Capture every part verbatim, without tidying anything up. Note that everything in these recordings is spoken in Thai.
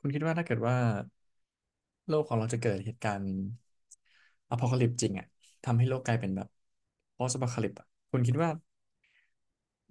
คุณคิดว่าถ้าเกิดว่าโลกของเราจะเกิดเหตุการณ์อพอลิปจริงอ่ะทำให้โลกกลายเป็นแบบ post apocalypse อะคุณคิดว่า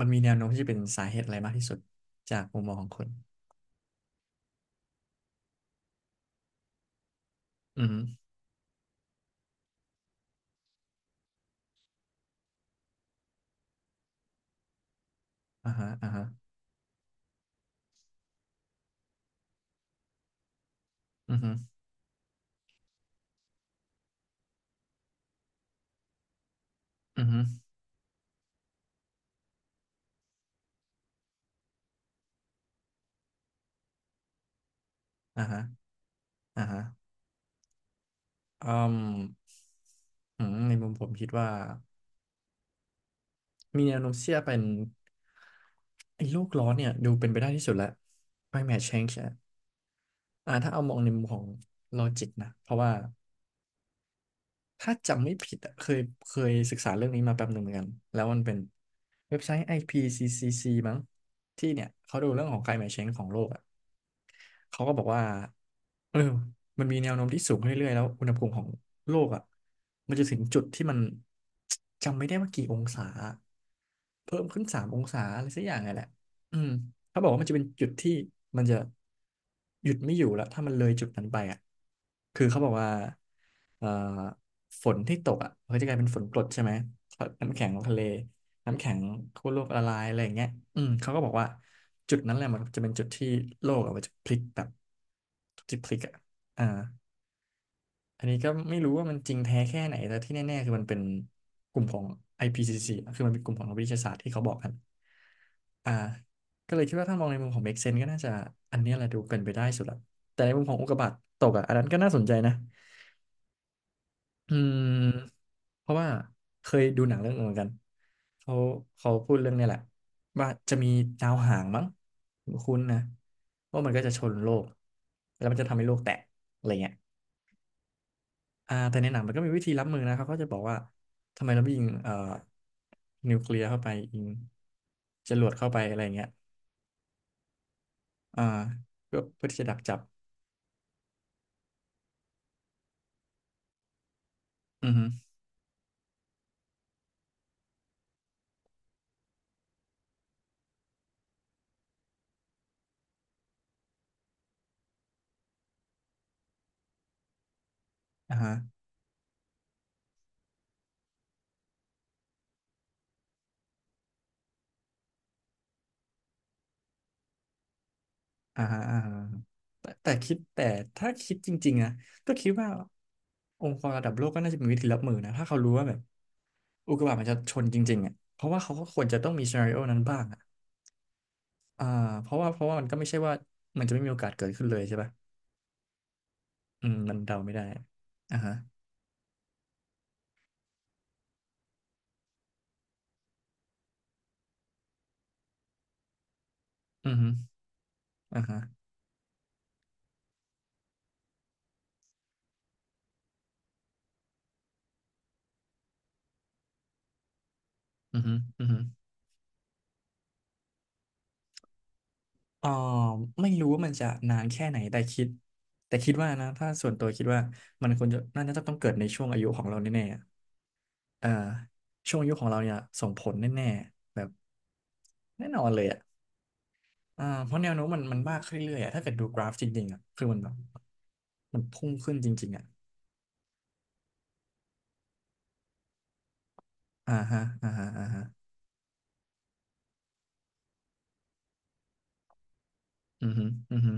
มันมีแนวโน้มที่จะเป็นสาเหตุอะไรมากที่สุดจากมุมมองของคุณอือฮึอ่าฮะอ่าฮะอือฮึอือฮึอ่าฮะอ่าฮะอืมอืมในมุมผมคิดว่ามีแนวโน้มเสี่จงเป็นไอ้โลกร้อนเนี่ยดูเป็นไปได้ที่สุดแล้ว climate change อะอ่าถ้าเอามองในมุมของ logic นะเพราะว่า ถ้าจำไม่ผิดอะเคยเคยศึกษาเรื่องนี้มาแป๊บหนึ่งเหมือนกันแล้วมันเป็นเว็บไซต์ ไอ พี ซี ซี ซี มั้งที่เนี่ยเขาดูเรื่องของ climate change ของโลกอะเขาก็บอกว่าเออมันมีแนวโน้มที่สูงขึ้นเรื่อยๆแล้วอุณหภูมิของโลกอะมันจะถึงจุดที่มัน จำไม่ได้ว่ากี่องศาเพิ่มขึ้นสามองศาอะไรสักอย่างไงแหละอืม เขาบอกว่ามันจะเป็นจุดที่มันจะหยุดไม่อยู่แล้วถ้ามันเลยจุดนั้นไปอ่ะคือเขาบอกว่าเอ่อฝนที่ตกอ่ะมันก็จะกลายเป็นฝนกรดใช่ไหมน้ำแข็งของทะเลน้ำแข็งขั้วโลกละลายอะไรอย่างเงี้ยอืมเขาก็บอกว่าจุดนั้นแหละมันจะเป็นจุดที่โลกอะมันจะพลิกแบบจุดที่พลิกอ่ะอ่า อันนี้ก็ไม่รู้ว่ามันจริงแท้แค่ไหนแต่ที่แน่ๆคือมันเป็นกลุ่มของ ไอ พี ซี ซี คือมันเป็นกลุ่มของนักวิทยาศาสตร์ที่เขาบอกกันอ่าก็เลยคิดว่าถ้ามองในมุมของ make sense ก็น่าจะอันเนี้ยแหละดูเป็นไปได้สุดละแต่ในมุมของอุกกาบาตตกอ่ะอันนั้นก็น่าสนใจนะอืมเพราะว่าเคยดูหนังเรื่องหนึงเหมือนกันเขาเขาพูดเรื่องเนี้ยแหละว่าจะมีดาวหางมั้งคุ้นๆนะว่ามันก็จะชนโลกแล้วมันจะทำให้โลกแตกอะไรเงี้ย อ่าแต่ในหนังมันก็มีวิธีรับมือนะเขาก็จะบอกว่าทำไมเราไม่ยิงเอ่อนิวเคลียร์เข้าไปยิงจรวดเข้าไปอะไรอย่างเงี้ยอ่าเพื่อเพื่อที่จะดักจับอือฮึอ่าฮะอ่าฮะอ่าฮะแต่แต่คิดแต่ถ้าคิดจริงๆนะก็คิดว่าองค์กรระดับโลกก็น่าจะมีวิธีรับมือนะถ้าเขารู้ว่าแบบอุกกาบาตมันจะชนจริงๆอ่ะเพราะว่าเขาก็ควรจะต้องมีซีนาริโอนั้นบ้างอ่ะอ่าเพราะว่าเพราะว่ามันก็ไม่ใช่ว่ามันจะไม่มีโอกาสเกิดขึ้นเลยใช่ป่ะอืมมันเดาไม่ได้อ่าฮะอือฮึ อ่าฮะอือฮึอือฮึอ่อไม่รู้ว่ามันจะนานแค่ไหนแต่คิดแต่คิดว่านะถ้าส่วนตัวคิดว่ามันควรจะน่าจะต้องเกิดในช่วงอายุของเราแน่ๆอะเอ่า ช่วงอายุของเราเนี่ยส่งผลแน่ๆแบบแน่นอนเลยอ่ะอ่าเพราะแนวโน้มมันมันมากขึ้นเรื่อยๆอะถ้าเกิดดูกราฟจริงๆอ่ะคือมันแบบมันพุ่งขึ้นจริงๆอ่ะอ่าฮะอ่าฮะอ่าฮะอือฮึอือฮึ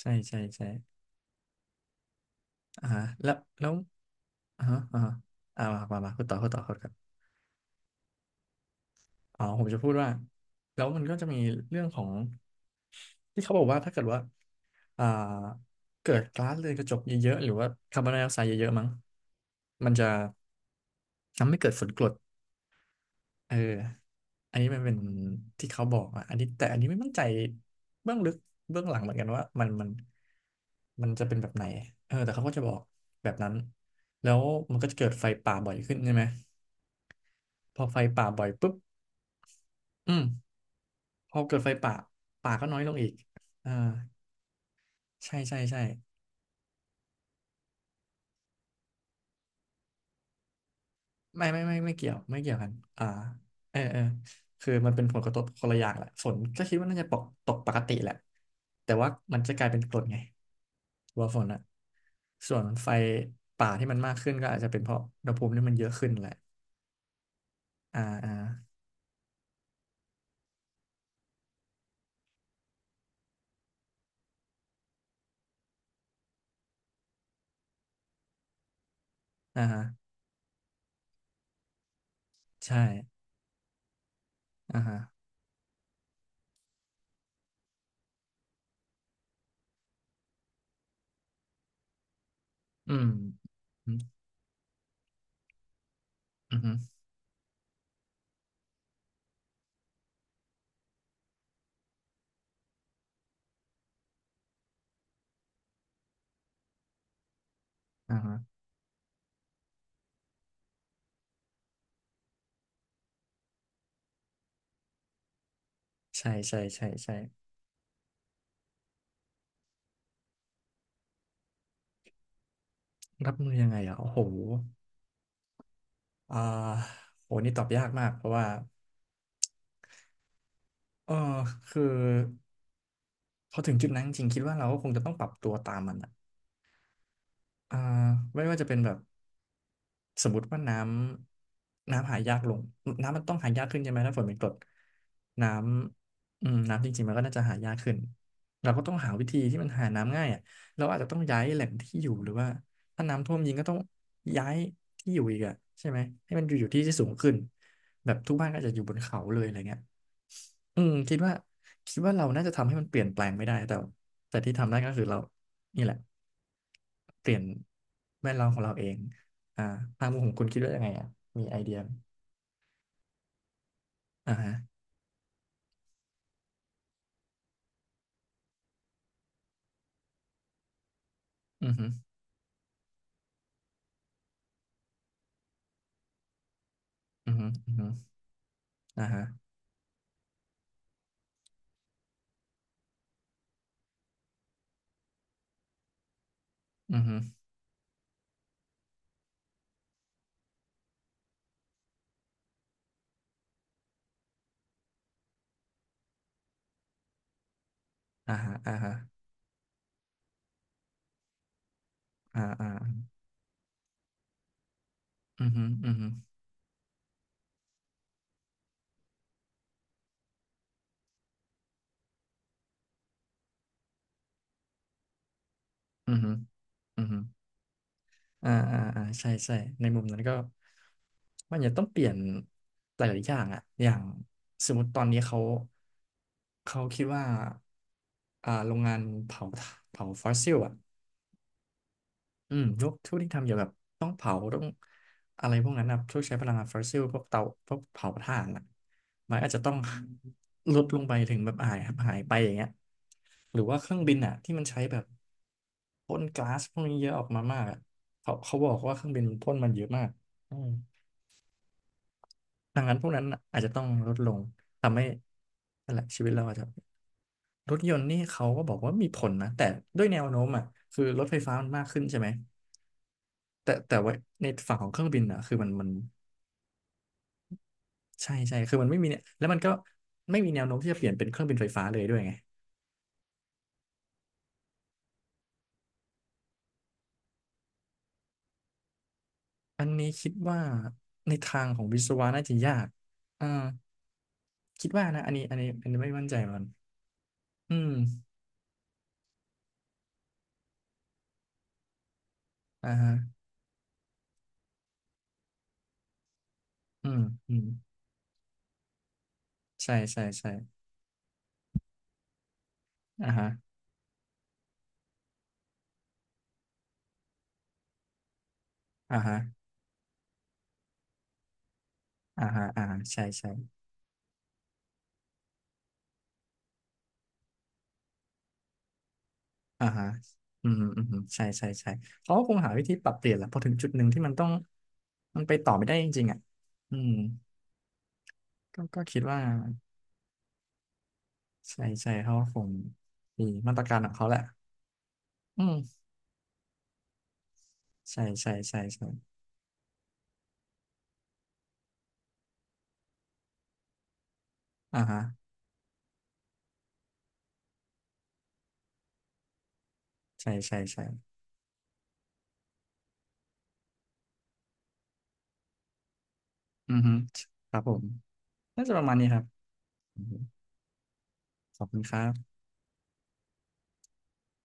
ใช่ใช่ใช่อ่าฮะแล้วแล้วอ่าฮะอ่าฮะอ่ามามามาพูดต่อพูดต่อพูดต่อ อ๋อผมจะพูดว่าแล้วมันก็จะมีเรื่องของที่เขาบอกว่าถ้าเกิดว่าอ่าเกิดก๊าซเรือนกระจกเยอะๆหรือว่าคาร์บอนไดออกไซด์เยอะๆมั้งมันจะทำให้เกิดฝนกรดเอออันนี้มันเป็นที่เขาบอกอ่ะอันนี้แต่อันนี้ไม่มั่นใจเบื้องลึกเบื้องหลังเหมือนกันว่ามันมันมันจะเป็นแบบไหนเออแต่เขาก็จะบอกแบบนั้นแล้วมันก็จะเกิดไฟป่าบ่อยขึ้นใช่ไหมพอไฟป่าบ่อยปุ๊บอืมพอเกิดไฟป่าป่าก็น้อยลงอีกอ่า ใช่ใช่ใช่ไม่ไม่ไม่ไม่เกี่ยวไม่เกี่ยวกันอ่าเออเออคือมันเป็นผลกระทบคนละอย่างแหละฝนก็คิดว่าน่าจะปกตกปกติแหละแต่ว่ามันจะกลายเป็นกรดไงตัวฝนอะส่วนไฟป่าที่มันมากขึ้นก็อาจจะเป็นเพราะอุณหภูมิที่มันเยอะขึ้นแหละอ่าอ่าอ่าฮะใช่อ่าฮะอืมอืมอืมอ่าฮะใช่ใช่ใช่ใช่รับมือยังไงอ่ะโอ้โหอ่าโหนี่ตอบยากมากเพราะว่าเออคือ พอถึงจุดนั้นจริงๆคิดว่าเราก็คงจะต้องปรับตัวตามมันอ่ะอ่าไม่ว่าจะเป็นแบบสมมติว่าน้ำน้ำหายากลงน้ำมันต้องหายากขึ้นใช่ไหมถ้าฝนเป็นกรดน้ำอืมน้ำจริงๆมันก็น่าจะหายากขึ้นเราก็ต้องหาวิธีที่มันหาน้ำง่ายอ่ะเราอาจจะต้องย้ายแหล่งที่อยู่หรือว่าถ้าน้ำท่วมจริงก็ต้องย้ายที่อยู่อีกอ่ะใช่ไหมให้มันอยู่อยู่ที่ที่สูงขึ้นแบบทุกบ้านก็จะอยู่บนเขาเลยอะไรเงี้ย อืมคิดว่าคิดว่าเราน่าจะทำให้มันเปลี่ยนแปลงไม่ได้แต่แต่ที่ทำได้ก็คือเรานี่แหละเปลี่ยนแวดล้อมของเราเองอ่าทางมุมของคุณคิดว่ายังไงอ่ะ มีไอเดียไหมอ่าฮะอือฮึอือฮึอือฮึอ่าฮะอือฮึอ่าฮะอ่าฮะอ่าอ่าอือฮึอือฮึอือฮึอือฮึ อ่าอ่าอ่าใช่ใช่ในมุมนั้นก็มันจะต้องเปลี่ยนหลายๆอย่างอะอย่างสมมติตอนนี้เขาเขาคิดว่าอ่าโรงงานเผา่าเผาฟอสซิลอะ อืมพวกทุกที่ทำเกี่ยวกับต้องเผาต้องอะไรพวกนั้นนะพวกใช้พลังงานฟอสซิลพวกเตาพวกเผาถ่านอ่ะมันอาจจะต้องลดลงไปถึงแบบหายหายไปอย่างเงี้ยหรือว่าเครื่องบินอ่ะที่มันใช้แบบพ่นก๊าซพวกนี้เยอะออกมามากอะเขาเขาบอกว่าเครื่องบินมันพ่นมันเยอะมากอืมดังนั้นพวกนั้นน่ะอาจจะต้องลดลงทำให้นั่นแหละชีวิตเราอาจจะรถยนต์นี่เขาก็บอกว่ามีผลนะแต่ด้วยแนวโน้มอ่ะคือรถไฟฟ้ามันมากขึ้นใช่ไหม แต่แต่ว่าในฝั่งของเครื่องบินอ่ะคือมันมันใช่ใช่คือมันไม่มีเนี่ยแล้วมันก็ไม่มีแนวโน้มที่จะเปลี่ยนเป็นเครื่องบินไฟฟ้าเลยด้วยไงอันนี้คิดว่าในทางของวิศวะน่าจะยากอ่าคิดว่านะอันนี้อันนี้อันนี้ไม่มั่นใจเหมือนกันอืมอ่าฮะอืมอืมใช่ใช่ใช่อ่าฮะอ่าฮะอ่าฮะอ่าฮะใช่ใช่อ่าฮะอืมอืมอืมใช่ใช่ใช่เขาก็คงหาวิธีปรับเปลี่ยนแหละพอถึงจุดหนึ่งที่มันต้องมันไปต่อไม่ได้จริงๆอ่ะอืมก็ก็คิดว่า ใช่ใช่เขาคงมีมาตรการของเขาแหละอืมใช่ใช่ใช่ใช่อ่าฮะใช่ใช่ใช่อือฮึครับผมน่าจะประมาณนี้ครับอือฮึขอบคุณครับ